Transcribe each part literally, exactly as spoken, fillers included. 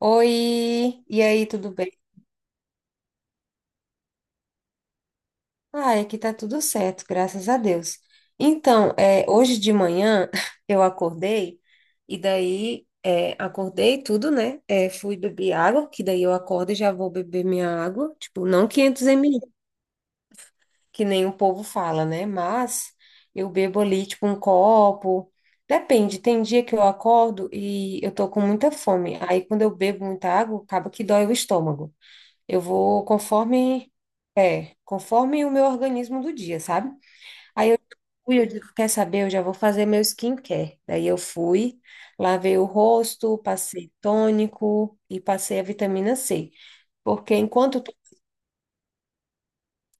Oi, e aí, tudo bem? Ah, aqui tá tudo certo, graças a Deus. Então, é, hoje de manhã eu acordei e daí é, acordei tudo, né? É, fui beber água, que daí eu acordo e já vou beber minha água, tipo, não quinhentos mililitros, que nem o povo fala, né? Mas eu bebo ali, tipo, um copo. Depende, tem dia que eu acordo e eu tô com muita fome. Aí quando eu bebo muita água, acaba que dói o estômago. Eu vou conforme, é, conforme o meu organismo do dia, sabe? Aí eu fui, eu digo, quer saber? Eu já vou fazer meu skincare. Daí eu fui, lavei o rosto, passei tônico e passei a vitamina C. Porque enquanto tu-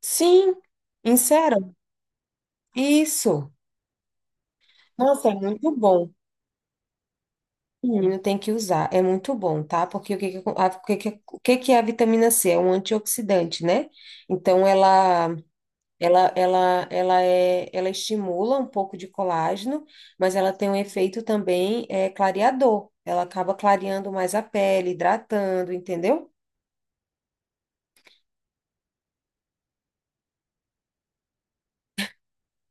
Sim, insero, isso. Nossa, é muito bom. Menino tem que usar, é muito bom, tá? Porque o que que, a, o que que- o que que é a vitamina C? É um antioxidante, né? Então, ela Ela, ela, ela, é, ela estimula um pouco de colágeno, mas ela tem um efeito também é, clareador. Ela acaba clareando mais a pele, hidratando, entendeu?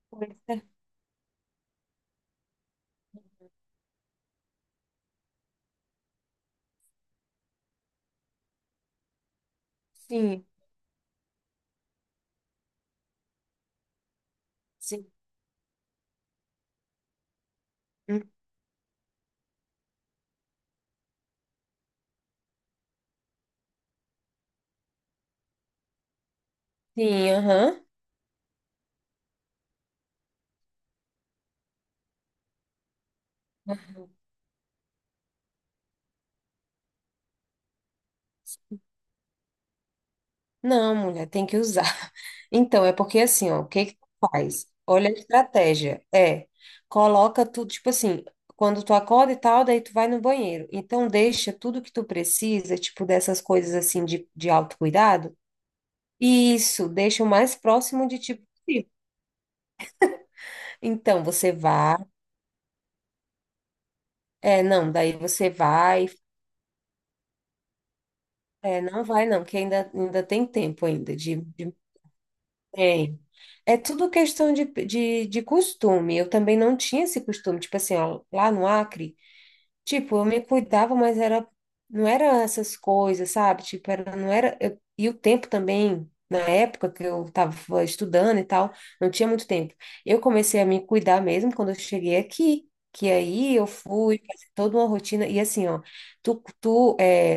Pois é. Sim. Sim. Hum, sim, aham. Não, mulher, tem que usar. Então, é porque assim, ó, o que que tu faz? Olha a estratégia. É, coloca tudo, tipo assim, quando tu acorda e tal, daí tu vai no banheiro. Então, deixa tudo que tu precisa, tipo, dessas coisas assim de, de autocuidado. Isso, deixa o mais próximo de ti possível. Então, você vai, é, não, daí você vai, é, não vai não, que ainda, ainda tem tempo ainda de, de- tem. É tudo questão de, de, de costume. Eu também não tinha esse costume, tipo assim, ó, lá no Acre, tipo, eu me cuidava, mas era, não era essas coisas, sabe? Tipo, era, não era, eu- e o tempo também, na época que eu estava estudando e tal, não tinha muito tempo. Eu comecei a me cuidar mesmo quando eu cheguei aqui, que aí eu fui fazer toda uma rotina, e assim, ó, tu, tu, é,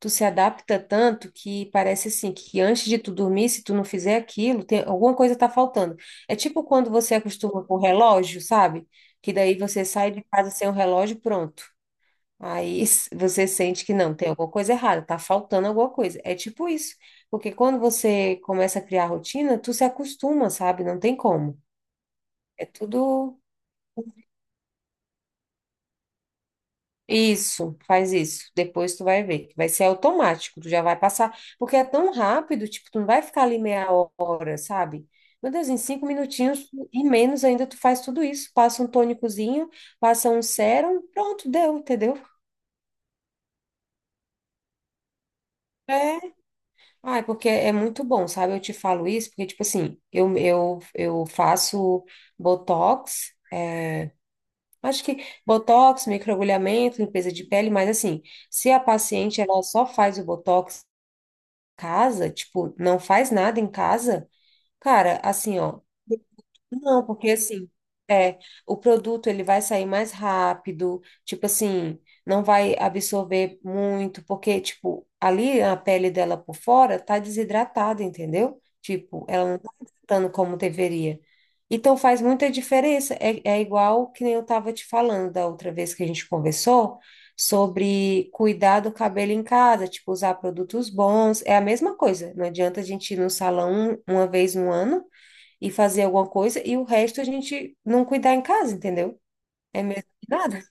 tu se adapta tanto que parece assim, que antes de tu dormir, se tu não fizer aquilo, tem, alguma coisa tá faltando. É tipo quando você acostuma com o relógio, sabe? Que daí você sai de casa sem o relógio, pronto. Aí s- você sente que não, tem alguma coisa errada, tá faltando alguma coisa. É tipo isso. Porque quando você começa a criar rotina, tu se acostuma, sabe? Não tem como. É tudo isso, faz isso. Depois tu vai ver. Vai ser automático, tu já vai passar. Porque é tão rápido, tipo, tu não vai ficar ali meia hora, sabe? Meu Deus, em cinco minutinhos tu- e menos ainda tu faz tudo isso. Passa um tônicozinho, passa um sérum, pronto, deu, entendeu? É, ai, porque é muito bom, sabe? Eu te falo isso porque, tipo assim, eu, eu, eu faço botox, é, acho que botox, microagulhamento, limpeza de pele, mas assim, se a paciente ela só faz o botox em casa, tipo, não faz nada em casa, cara, assim, ó. Não, porque assim, é, o produto ele vai sair mais rápido, tipo assim, não vai absorver muito, porque tipo, ali a pele dela por fora tá desidratada, entendeu? Tipo, ela não tá hidratando como deveria. Então faz muita diferença. É, é igual que nem eu tava te falando da outra vez que a gente conversou sobre cuidar do cabelo em casa, tipo, usar produtos bons. É a mesma coisa. Não adianta a gente ir no salão uma vez no ano e fazer alguma coisa, e o resto a gente não cuidar em casa, entendeu? É mesmo que nada.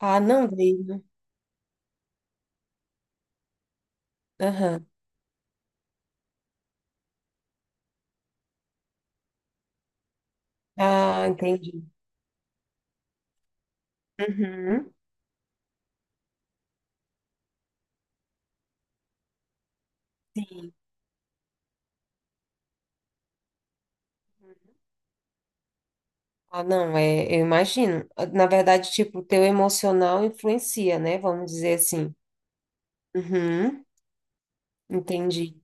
Ah, não, daí. Aham. Ah, entendi. Uhum. Ah, não, é, eu imagino. Na verdade, tipo, o teu emocional influencia, né? Vamos dizer assim. Uhum, entendi.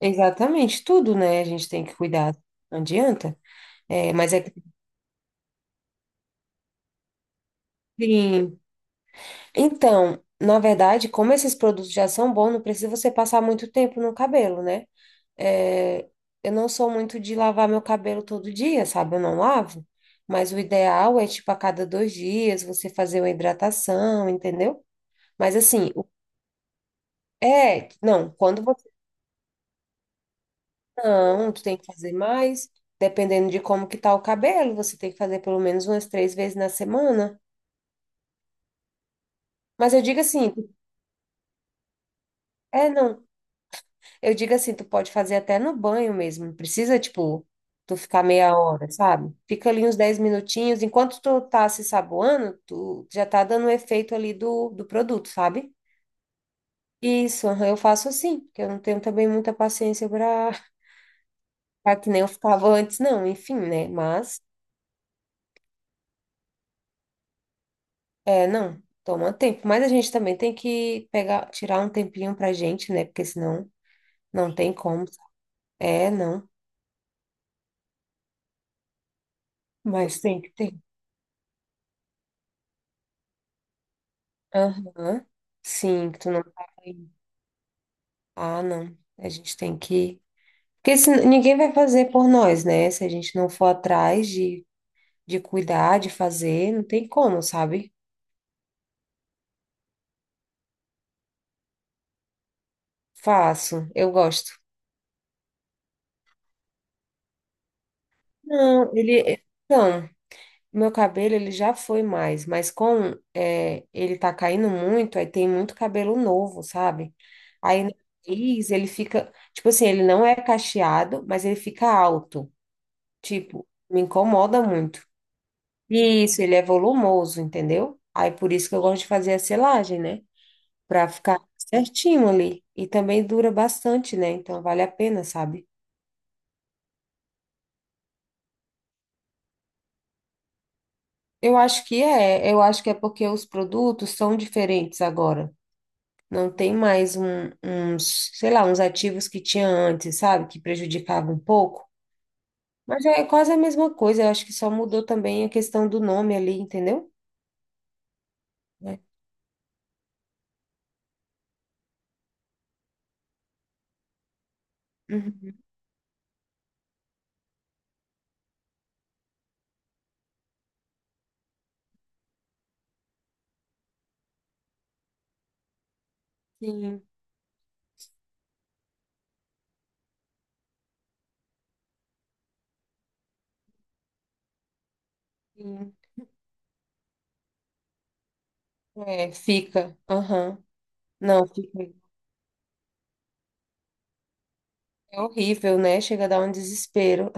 Exatamente, tudo, né? A gente tem que cuidar. Não adianta. É, mas é que. Sim. Então, na verdade, como esses produtos já são bons, não precisa você passar muito tempo no cabelo, né? É, eu não sou muito de lavar meu cabelo todo dia, sabe? Eu não lavo, mas o ideal é, tipo, a cada dois dias você fazer uma hidratação, entendeu? Mas assim, o- é, não, quando você não, tu tem que fazer mais, dependendo de como que tá o cabelo, você tem que fazer pelo menos umas três vezes na semana. Mas eu digo assim, é, não. Eu digo assim, tu pode fazer até no banho mesmo, não precisa, tipo, tu ficar meia hora, sabe? Fica ali uns dez minutinhos, enquanto tu tá se saboando, tu já tá dando o efeito ali do, do produto, sabe? Isso, aham, eu faço assim, porque eu não tenho também muita paciência para para que nem eu ficava antes, não, enfim, né? Mas, é, não, toma tempo. Mas a gente também tem que pegar, tirar um tempinho pra gente, né? Porque senão não tem como. É, não, mas tem que ter. Aham, sim, que tu não tá. Ah, não. A gente tem que. Porque se, ninguém vai fazer por nós, né? Se a gente não for atrás de, de cuidar, de fazer, não tem como, sabe? Faço, eu gosto. Não, ele. Então, meu cabelo ele já foi mais, mas com é, ele tá caindo muito, aí tem muito cabelo novo, sabe? Aí no nariz ele fica, tipo assim, ele não é cacheado, mas ele fica alto. Tipo, me incomoda muito. Isso, ele é volumoso, entendeu? Aí por isso que eu gosto de fazer a selagem, né? Pra ficar certinho ali. E também dura bastante, né? Então vale a pena, sabe? Eu acho que é, eu acho que é porque os produtos são diferentes agora. Não tem mais um, uns, sei lá, uns ativos que tinha antes, sabe? Que prejudicava um pouco. Mas é quase a mesma coisa, eu acho que só mudou também a questão do nome ali, entendeu? É. Uhum. Sim, sim. É, fica. Aham. Não, fica. É horrível, né? Chega a dar um desespero.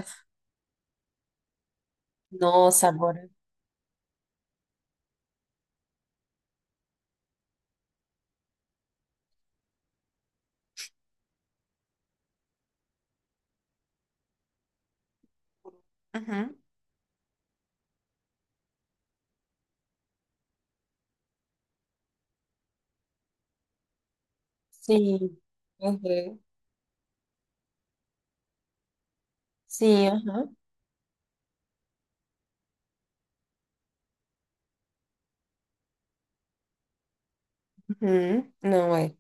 Nossa, agora. Uhum. Sim. Uhum. Sim, aham. Uhum. Não é.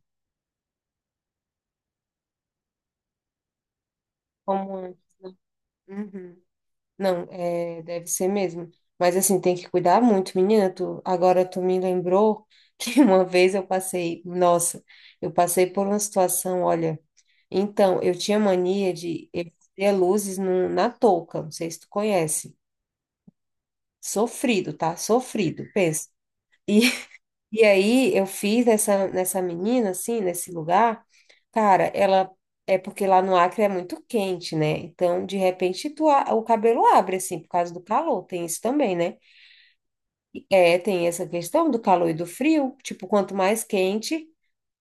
Como é? Uhum. Não, é, deve ser mesmo. Mas assim, tem que cuidar muito, menina. Tu, agora tu me lembrou que uma vez eu passei, nossa, eu passei por uma situação, olha. Então, eu tinha mania de eu ter luzes no- na touca, não sei se tu conhece. Sofrido, tá? Sofrido, pensa. E E aí eu fiz nessa, nessa menina, assim, nesse lugar, cara, ela é porque lá no Acre é muito quente, né? Então, de repente, tu, a- o cabelo abre, assim, por causa do calor, tem isso também, né? É, tem essa questão do calor e do frio, tipo, quanto mais quente,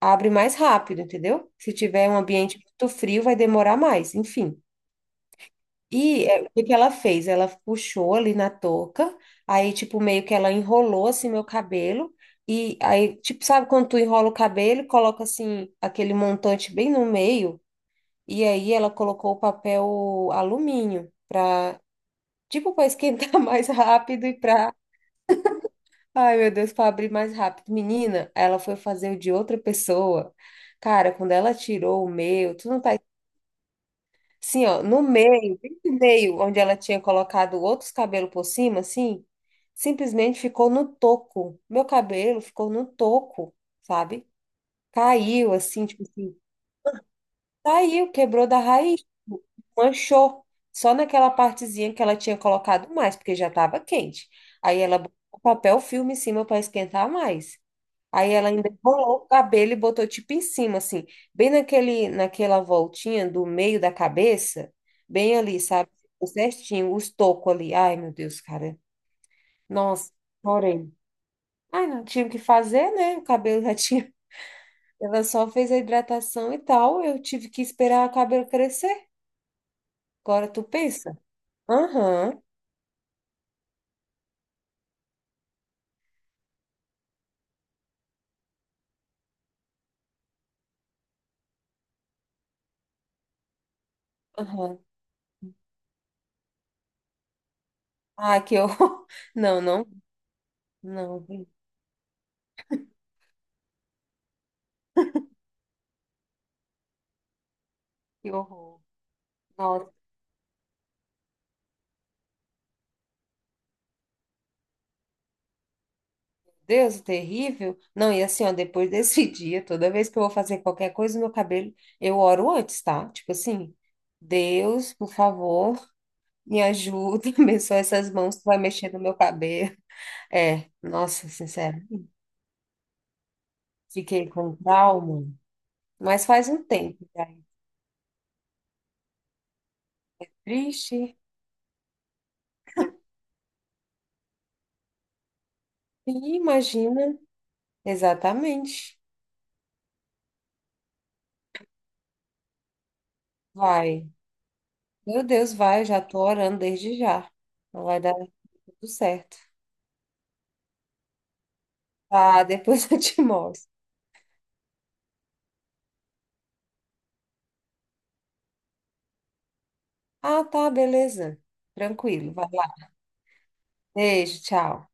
abre mais rápido, entendeu? Se tiver um ambiente muito frio, vai demorar mais, enfim. E é, o que que ela fez? Ela puxou ali na touca, aí, tipo, meio que ela enrolou, assim, meu cabelo, e aí, tipo, sabe quando tu enrola o cabelo, e coloca, assim, aquele montante bem no meio, e aí ela colocou o papel alumínio pra, tipo, pra esquentar mais rápido e pra, ai, meu Deus, pra abrir mais rápido. Menina, ela foi fazer o de outra pessoa. Cara, quando ela tirou o meu, tu não tá. Assim, ó, no meio, bem no meio, onde ela tinha colocado outros cabelos por cima, assim, simplesmente ficou no toco. Meu cabelo ficou no toco, sabe? Caiu, assim, tipo assim, caiu, quebrou da raiz, manchou. Só naquela partezinha que ela tinha colocado mais, porque já estava quente. Aí ela botou papel filme em cima para esquentar mais. Aí ela ainda enrolou o cabelo e botou tipo em cima, assim, bem naquele, naquela voltinha do meio da cabeça, bem ali, sabe? Ficou certinho, os tocos ali. Ai, meu Deus, cara. Nossa, chorei. Ai, não tinha o que fazer, né? O cabelo já tinha. Ela só fez a hidratação e tal. Eu tive que esperar o cabelo crescer. Agora tu pensa. Aham, aham. Ah, que horror. Não, não, não. Que horror. Nossa. Deus, terrível. Não, e assim, ó, depois desse dia, toda vez que eu vou fazer qualquer coisa no meu cabelo, eu oro antes, tá? Tipo assim, Deus, por favor, me ajuda, abençoa essas mãos que vai mexer no meu cabelo. É, nossa, sincero. Fiquei com trauma, mas faz um tempo, já. Triste. E imagina, exatamente. Vai. Meu Deus, vai, eu já tô orando desde já. Vai dar tudo certo. Tá, depois eu te mostro. Ah, tá, beleza. Tranquilo. Valeu. Beijo, tchau.